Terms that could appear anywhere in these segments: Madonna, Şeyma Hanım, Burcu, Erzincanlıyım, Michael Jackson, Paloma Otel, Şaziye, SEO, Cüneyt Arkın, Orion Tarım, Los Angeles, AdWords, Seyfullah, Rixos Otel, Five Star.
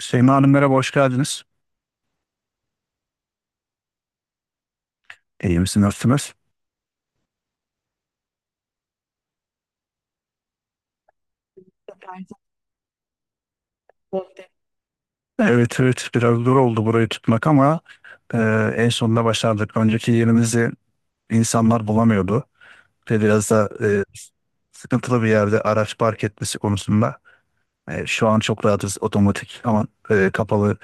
Şeyma Hanım merhaba, hoş geldiniz. İyi misin, nasılsınız? Evet, evet, biraz zor oldu burayı tutmak ama e, en sonunda başardık. Önceki yerimizi insanlar bulamıyordu. Ve biraz da sıkıntılı bir yerde araç park etmesi konusunda. Şu an çok rahatız, otomatik ama kapalı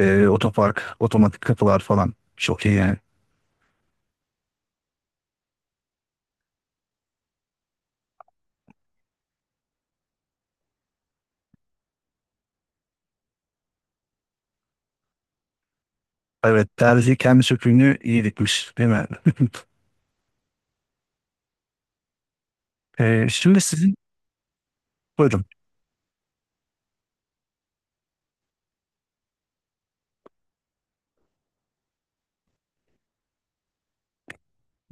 Otopark, otomatik kapılar falan. Çok iyi yani. Evet, terzi kendi söküğünü iyi dikmiş, değil mi? Şimdi sizin, buyurun.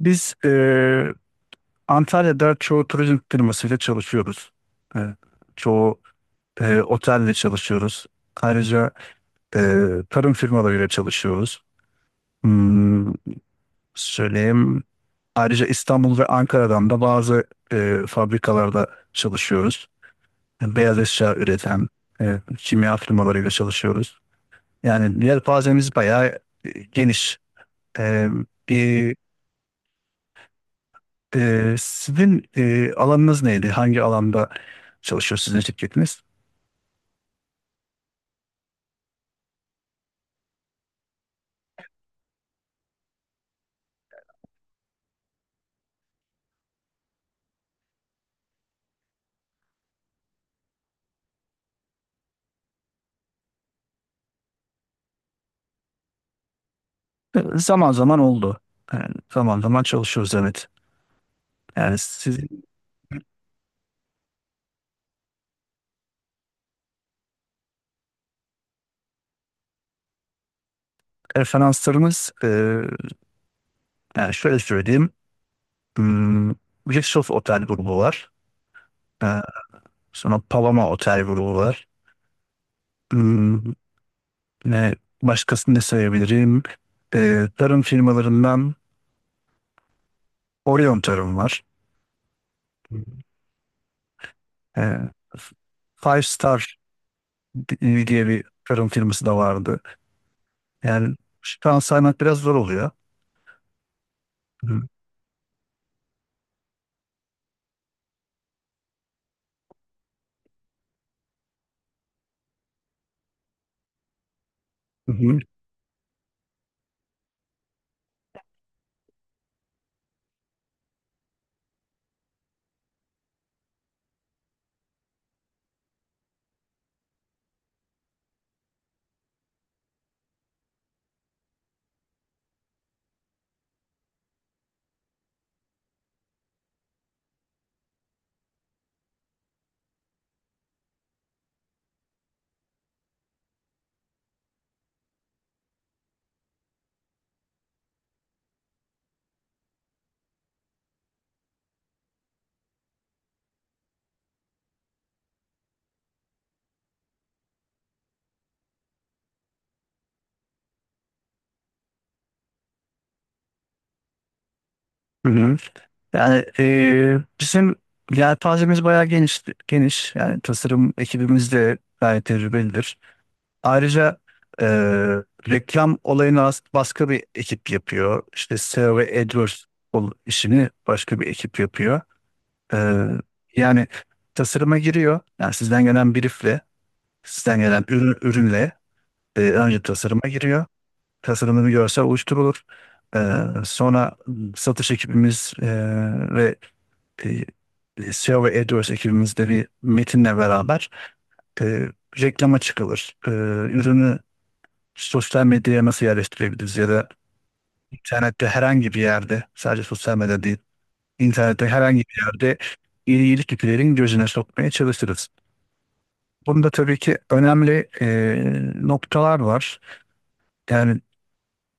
Biz Antalya'da çoğu turizm firmasıyla çalışıyoruz. E, Çoğu otelle çalışıyoruz. Ayrıca tarım firmalarıyla çalışıyoruz. Hmm, söyleyeyim. Ayrıca İstanbul ve Ankara'dan da bazı fabrikalarda çalışıyoruz. Beyaz eşya üreten kimya firmalarıyla çalışıyoruz. Yani yelpazemiz bayağı geniş. E, bir, sizin alanınız neydi? Hangi alanda çalışıyor sizin şirketiniz? Zaman zaman oldu. Yani zaman zaman çalışıyoruz evet. Yani sizin referanslarınız yani şöyle söyleyeyim. Hmm, Rixos Otel grubu var. Ee, sonra Paloma Otel grubu var. Hmm, ne, başkasını ne sayabilirim? Tarım firmalarından Orion Tarım var. Ee, Five Star diye bir tarım firması da vardı. Yani şu an saymak biraz zor oluyor. Hı hı. Hı hı. Hı hı. Yani bizim yelpazemiz bayağı geniş. Yani tasarım ekibimiz de gayet tecrübelidir. Ayrıca e, reklam olayını başka bir ekip yapıyor. İşte SEO ve AdWords işini başka bir ekip yapıyor. E, yani tasarıma giriyor. Yani sizden gelen briefle, sizden gelen ürünle önce tasarıma giriyor. Tasarımını bir görsel oluşturulur. E, Sonra satış ekibimiz e, ve e, S e, SEO ve AdWords ekibimizde bir metinle beraber e, reklama çıkılır. Ürünü sosyal medyaya nasıl yerleştirebiliriz ya da internette herhangi bir yerde, sadece sosyal medya değil, internette herhangi bir yerde iyilik yüklerin gözüne sokmaya çalışırız. Bunda tabii ki önemli noktalar var. Yani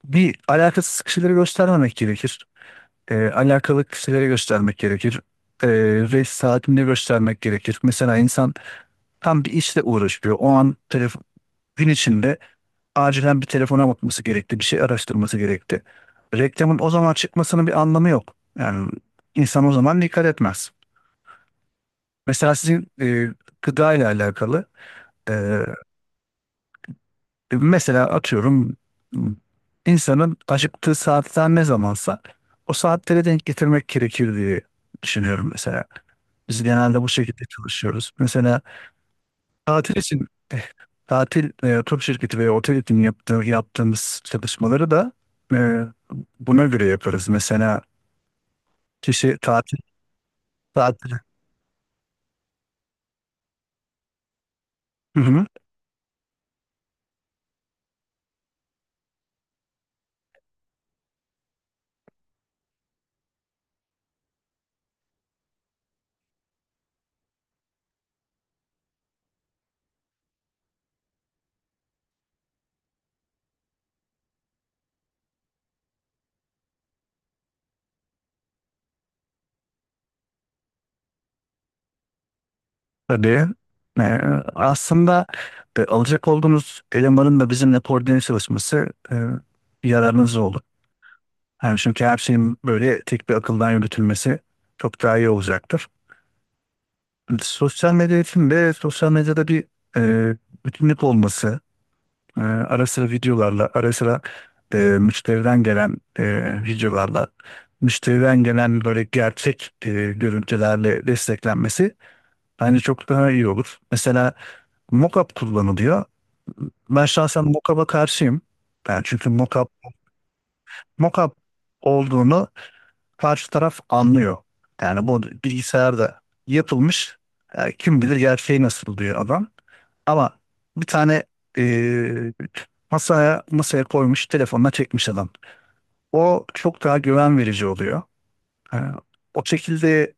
bir alakasız kişileri göstermemek gerekir. Alakalı kişileri göstermek gerekir. E, Ve saatini göstermek gerekir. Mesela insan tam bir işle uğraşıyor. O an telefon, gün içinde acilen bir telefona bakması gerekti, bir şey araştırması gerekti. Reklamın o zaman çıkmasının bir anlamı yok. Yani insan o zaman dikkat etmez. Mesela sizin gıda ile alakalı e, mesela atıyorum insanın acıktığı saatler ne zamansa o saatlere denk getirmek gerekir diye düşünüyorum mesela. Biz genelde bu şekilde çalışıyoruz. Mesela tatil için tur şirketi veya otel için yaptığımız çalışmaları da e, buna göre yaparız. Mesela kişi tatil tatil hı hı, tabii. E, Aslında alacak olduğunuz elemanın da bizimle koordine çalışması e, yararınız olur. Yani çünkü her şeyin böyle tek bir akıldan yürütülmesi çok daha iyi olacaktır. Sosyal medya için de sosyal medyada bir e, bütünlük olması, ara sıra videolarla, ara sıra müşteriden gelen videolarla, müşteriden gelen böyle gerçek görüntülerle desteklenmesi bence çok daha iyi olur. Mesela mockup kullanılıyor. Ben şahsen mockup'a karşıyım. Ben çünkü mockup olduğunu karşı taraf anlıyor. Yani bu bilgisayarda yapılmış, kim bilir gerçeği nasıl diyor adam. Ama bir tane eee, masaya koymuş telefonla çekmiş adam. O çok daha güven verici oluyor. Ee, O şekilde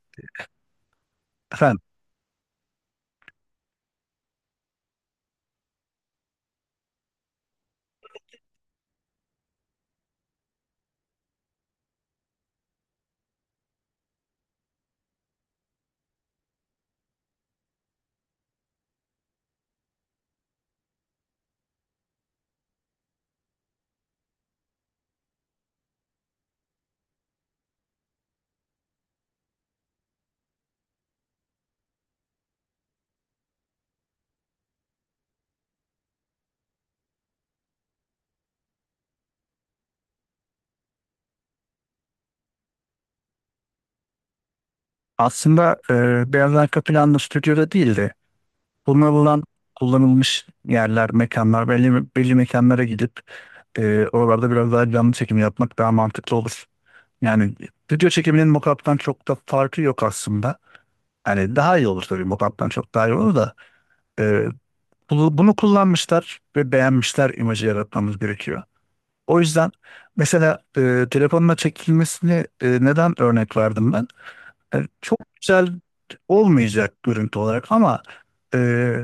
efendim, aslında beyaz arka planlı stüdyoda değil de kullanılan, kullanılmış yerler, mekanlar, belli mekanlara gidip oralarda biraz daha canlı çekim yapmak daha mantıklı olur. Yani stüdyo çekiminin mockup'tan çok da farkı yok aslında. Yani daha iyi olur tabii, mockup'tan çok daha iyi olur da e, bunu kullanmışlar ve beğenmişler imajı yaratmamız gerekiyor. O yüzden mesela telefonla çekilmesini neden örnek verdim ben? Çok güzel olmayacak görüntü olarak ama e,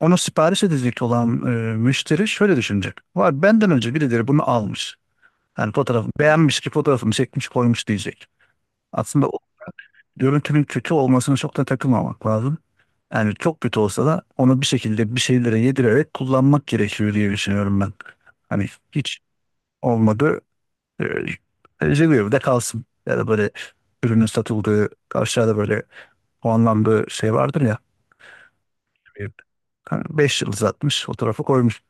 onu sipariş edecek olan müşteri şöyle düşünecek. Var, benden önce birileri bunu almış. Yani fotoğrafı beğenmiş ki fotoğrafımı çekmiş koymuş diyecek. Aslında görüntünün kötü olmasına çok da takılmamak lazım. Yani çok kötü olsa da onu bir şekilde bir şeylere yedirerek kullanmak gerekiyor diye düşünüyorum ben. Hani hiç olmadı. E, Rezil de kalsın. Ya da böyle ürünün satıldığı aşağıda böyle puanlandığı şey vardır ya. Hani beş yıldız atmış fotoğrafı koymuş.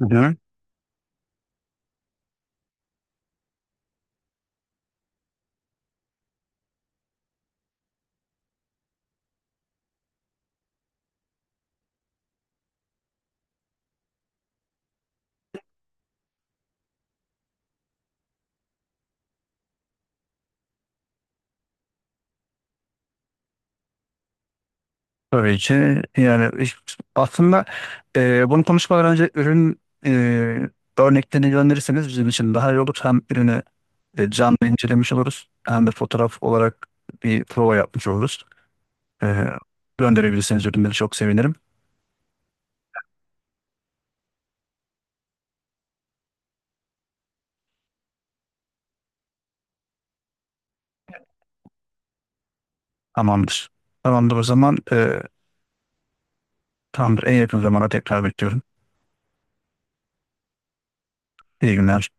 Ne? Tabii ki yani aslında bunu konuşmadan önce ürün e, örneklerini gönderirseniz bizim için daha iyi olur. Hem ürünü canlı incelemiş oluruz hem de fotoğraf olarak bir prova yapmış oluruz. E, Gönderebilirseniz ürünleri çok sevinirim. Tamamdır. Tamamdır o zaman, tamamdır, en yakın zamana tekrar bekliyorum. İyi günler.